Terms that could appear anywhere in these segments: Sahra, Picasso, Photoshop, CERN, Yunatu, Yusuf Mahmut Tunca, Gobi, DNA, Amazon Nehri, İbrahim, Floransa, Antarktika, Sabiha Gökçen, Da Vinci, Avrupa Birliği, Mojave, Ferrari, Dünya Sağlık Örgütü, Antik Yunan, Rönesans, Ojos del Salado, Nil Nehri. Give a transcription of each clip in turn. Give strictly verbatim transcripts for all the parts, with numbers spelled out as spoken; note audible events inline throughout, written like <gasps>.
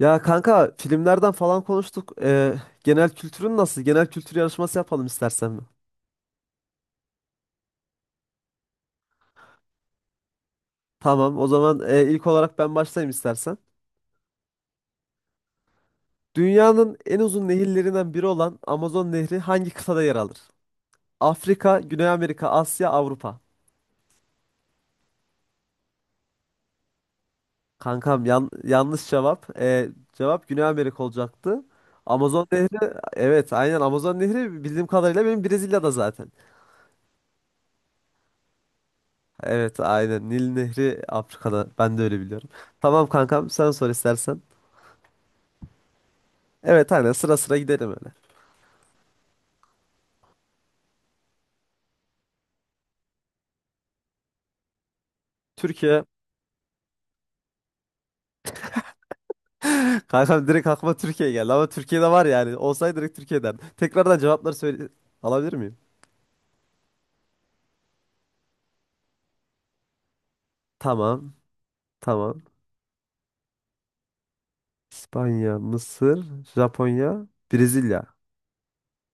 Ya kanka filmlerden falan konuştuk. Ee, genel kültürün nasıl? Genel kültür yarışması yapalım istersen. mi? Tamam, o zaman e, ilk olarak ben başlayayım istersen. Dünyanın en uzun nehirlerinden biri olan Amazon Nehri hangi kıtada yer alır? Afrika, Güney Amerika, Asya, Avrupa. Kankam yan- yanlış cevap. Ee, cevap Güney Amerika olacaktı. Amazon Nehri, evet aynen Amazon Nehri bildiğim kadarıyla benim Brezilya'da zaten. Evet aynen Nil Nehri Afrika'da ben de öyle biliyorum. Tamam kankam sen sor istersen. Evet aynen sıra sıra gidelim öyle. Türkiye. <gasps> <laughs> Kankam direkt aklıma Türkiye geldi ama Türkiye'de var yani. Olsaydı direkt Türkiye'den. Tekrardan cevapları söyle alabilir miyim? Tamam. Tamam. İspanya, Mısır, Japonya, Brezilya.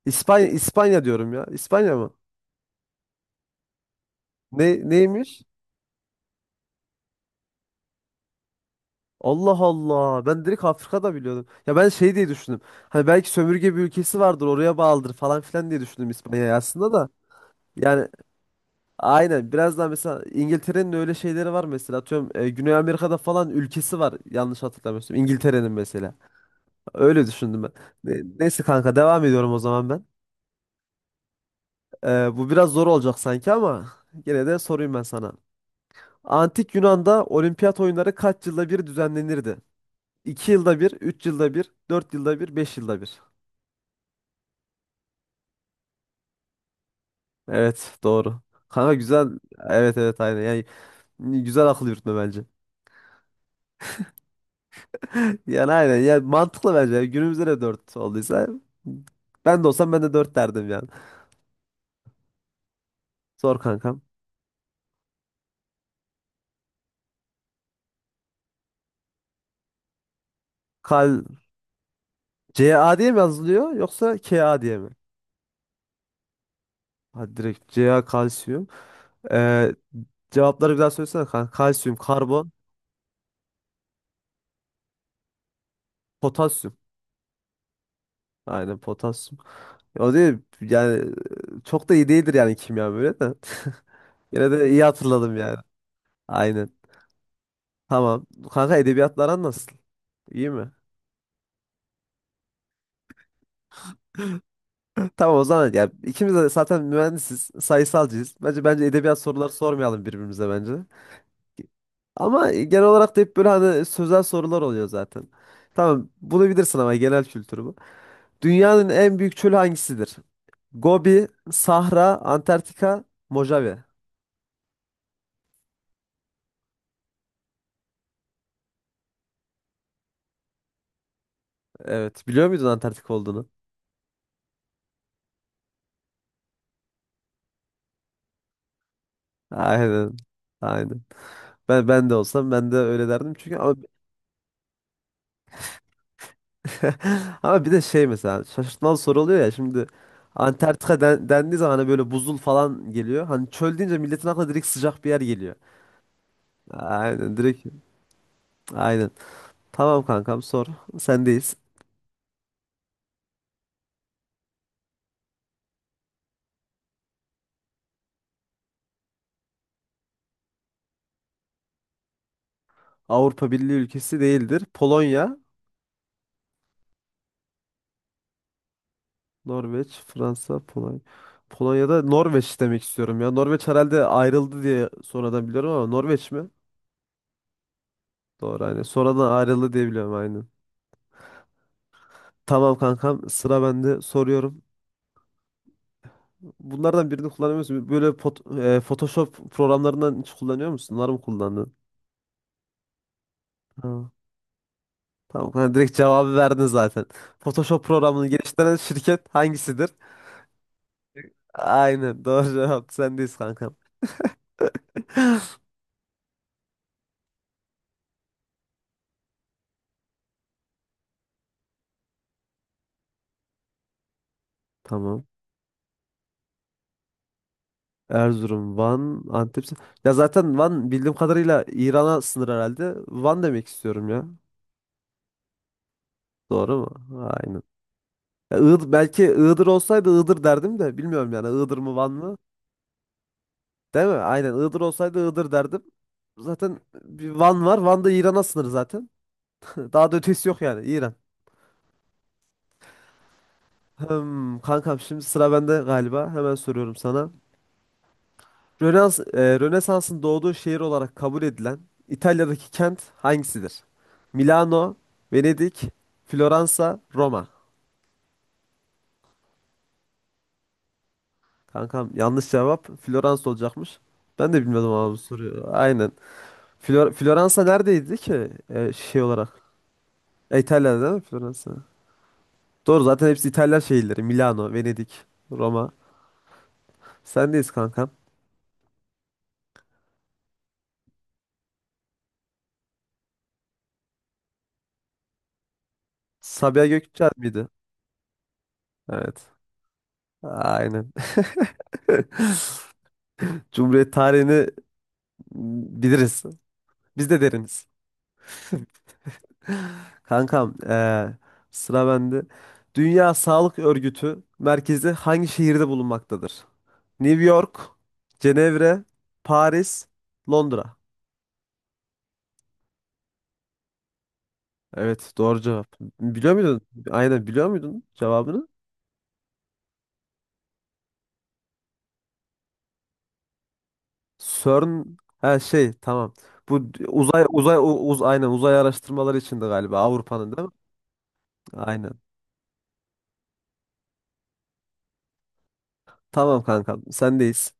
İspanya İspanya diyorum ya. İspanya mı? Ne neymiş? Allah Allah. Ben direkt Afrika'da biliyordum. Ya ben şey diye düşündüm. Hani belki sömürge bir ülkesi vardır, oraya bağlıdır falan filan diye düşündüm İspanya'yı aslında da. Yani Aynen biraz daha mesela İngiltere'nin öyle şeyleri var mesela atıyorum e, Güney Amerika'da falan ülkesi var yanlış hatırlamıyorsam İngiltere'nin mesela öyle düşündüm ben. Ne- neyse kanka devam ediyorum o zaman ben. E, bu biraz zor olacak sanki ama gene de sorayım ben sana. Antik Yunan'da olimpiyat oyunları kaç yılda bir düzenlenirdi? iki yılda bir, üç yılda bir, dört yılda bir, beş yılda bir. Evet doğru. Kanka güzel. Evet evet aynen. Yani güzel akıl yürütme bence. Yani aynen. yani mantıklı bence. Yani Günümüzde de dört olduysa ben de olsam ben de dört derdim yani. Zor kankam. Kal C A diye mi yazılıyor yoksa K A diye mi? Hadi direkt C A kalsiyum. Ee, cevapları bir daha söylesene kanka. Kalsiyum, karbon, potasyum. Aynen potasyum. O değil yani çok da iyi değildir yani kimya böyle de. <laughs> Yine de iyi hatırladım yani. Aynen. Tamam. Kanka edebiyatlar nasıl? İyi mi? Tamam o zaman ya ikimiz de zaten mühendisiz, sayısalcıyız. Bence bence edebiyat soruları sormayalım birbirimize bence. Ama genel olarak da hep böyle hani sözel sorular oluyor zaten. Tamam bunu bilirsin ama genel kültürü bu. Dünyanın en büyük çölü hangisidir? Gobi, Sahra, Antarktika, Mojave. Evet biliyor muydun Antarktika olduğunu? Aynen. Aynen. Ben ben de olsam ben de öyle derdim çünkü ama <laughs> ama bir de şey mesela şaşırtmalı soru oluyor ya şimdi Antarktika den- dendiği zaman hani böyle buzul falan geliyor. Hani çöl deyince milletin aklına direkt sıcak bir yer geliyor. Aynen direkt aynen. Tamam kankam sor. Sendeyiz. Avrupa Birliği ülkesi değildir. Polonya, Norveç, Fransa, Polonya. Polonya'da Norveç demek istiyorum ya. Norveç herhalde ayrıldı diye sonradan biliyorum ama Norveç mi? Doğru aynen. Sonradan ayrıldı diye biliyorum aynen. Tamam kankam sıra bende soruyorum. Bunlardan birini kullanıyor musun? Böyle pot- e, Photoshop programlarından hiç kullanıyor musun? Onları mı kullandın? Ha, tamam. Ha, direkt cevabı verdin zaten. Photoshop programını geliştiren şirket hangisidir? Aynen. Doğru cevap. Sendeyiz kankam. Tamam. Erzurum, Van, Antep. Ya zaten Van bildiğim kadarıyla İran'a sınır herhalde. Van demek istiyorum ya. Doğru mu? Aynen. Ya Iğdır, belki Iğdır olsaydı Iğdır derdim de bilmiyorum yani Iğdır mı Van mı? Değil mi? Aynen Iğdır olsaydı Iğdır derdim. Zaten bir Van var. Van da İran'a sınır zaten. <laughs> Daha da ötesi yok yani İran. Hmm, kankam şimdi sıra bende galiba. Hemen soruyorum sana. Rönans, e, Rönesans'ın doğduğu şehir olarak kabul edilen İtalya'daki kent hangisidir? Milano, Venedik, Floransa, Roma. Kankam yanlış cevap. Floransa olacakmış. Ben de bilmiyordum abi bu soruyu. Aynen. Flor Floransa neredeydi ki E, şey olarak? E, İtalya'da değil mi Floransa? Doğru zaten hepsi İtalyan şehirleri. Milano, Venedik, Roma. Sendeyiz kankam. Sabiha Gökçen miydi? Evet. Aynen. <laughs> Cumhuriyet tarihini biliriz. Biz de deriniz. <laughs> Kankam, eee, sıra bende. Dünya Sağlık Örgütü merkezi hangi şehirde bulunmaktadır? New York, Cenevre, Paris, Londra. Evet, doğru cevap. Biliyor muydun? Aynen biliyor muydun cevabını? CERN ha şey tamam. Bu d- uzay uzay u- uz aynen uzay araştırmaları içindi galiba Avrupa'nın değil mi? Aynen. Tamam kanka sendeyiz.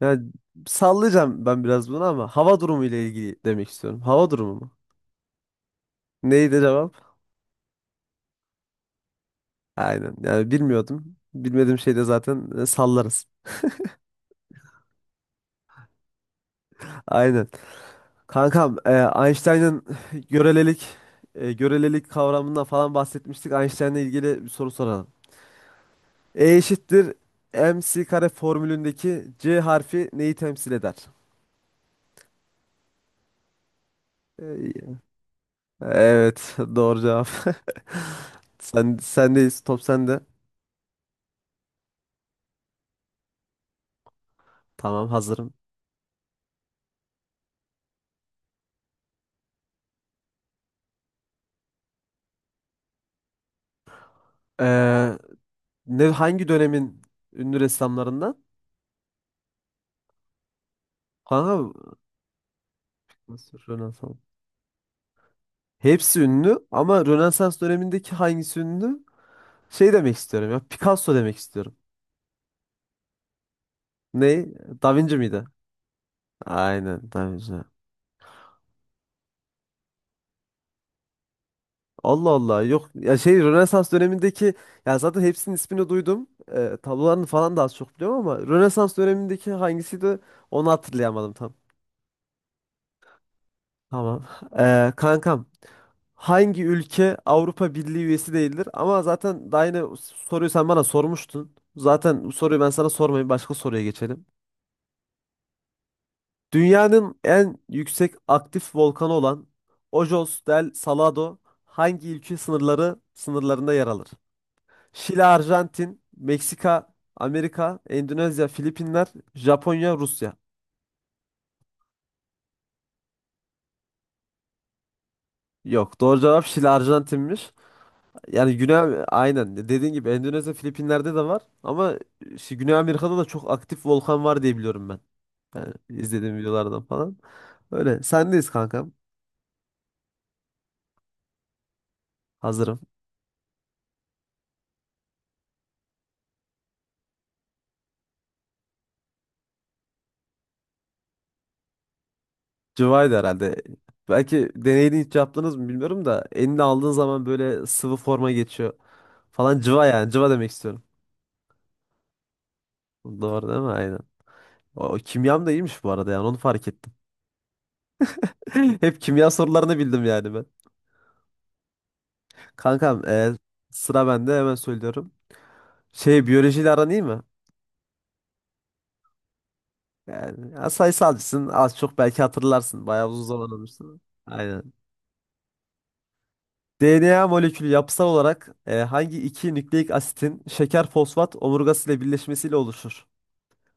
Ya sallayacağım ben biraz bunu ama hava durumu ile ilgili demek istiyorum. Hava durumu mu? Neydi cevap? Aynen. Yani bilmiyordum. Bilmediğim şeyde zaten e, sallarız. Aynen. Kankam, e, Einstein'ın <sighs> görelilik e, görelilik kavramından falan bahsetmiştik. Einstein'la ilgili bir soru soralım. E eşittir M c kare formülündeki c harfi neyi temsil eder? E, Evet, doğru cevap. <laughs> Sen sendeyiz, top sende. Tamam, hazırım. Ee, ne hangi dönemin ünlü ressamlarından? Kanka nasıl Rönesans? Hepsi ünlü ama Rönesans dönemindeki hangisi ünlü? Şey demek istiyorum ya. Picasso demek istiyorum. Ne? Da Vinci miydi? Aynen Da Vinci. Allah Allah yok ya şey Rönesans dönemindeki ya zaten hepsinin ismini duydum. Ee, tablolarını falan da az çok biliyorum ama Rönesans dönemindeki hangisiydi onu hatırlayamadım tam. Tamam. Ee, kankam hangi ülke Avrupa Birliği üyesi değildir? Ama zaten daha yine soruyu sen bana sormuştun. Zaten bu soruyu ben sana sormayayım başka soruya geçelim. Dünyanın en yüksek aktif volkanı olan Ojos del Salado hangi ülke sınırları sınırlarında yer alır? Şili, Arjantin, Meksika, Amerika, Endonezya, Filipinler, Japonya, Rusya. Yok, doğru cevap Şili, Arjantin'miş. Yani Güney aynen dediğin gibi Endonezya, Filipinler'de de var ama işte Güney Amerika'da da çok aktif volkan var diye biliyorum ben. Yani izlediğim videolardan falan. Öyle. Sendeyiz kankam. Hazırım. Cıvaydı herhalde. Belki deneyini hiç yaptınız mı bilmiyorum da elini aldığın zaman böyle sıvı forma geçiyor falan cıva yani cıva demek istiyorum. Doğru değil mi? Aynen. O, kimyam da iyiymiş bu arada yani onu fark ettim. <laughs> Hep kimya sorularını bildim yani ben. Kankam e, sıra bende hemen söylüyorum. Şey biyolojiyle aran iyi mi? Yani ya sayısalcısın az çok belki hatırlarsın. Bayağı uzun zaman olmuşsun. Aynen. D N A molekülü yapısal olarak e, hangi iki nükleik asitin şeker fosfat omurgası ile birleşmesiyle oluşur?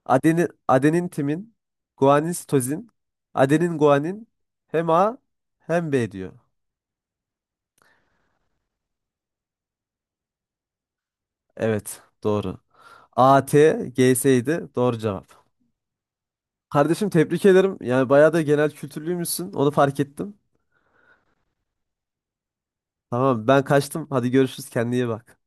Adeni, adenin timin, guanin sitozin, adenin guanin hem A hem B diyor. Evet doğru. A T A T, G S'ydi. Doğru cevap. Kardeşim tebrik ederim. Yani bayağı da genel kültürlüymüşsün. Onu fark ettim. Tamam ben kaçtım. Hadi görüşürüz. Kendine iyi bak.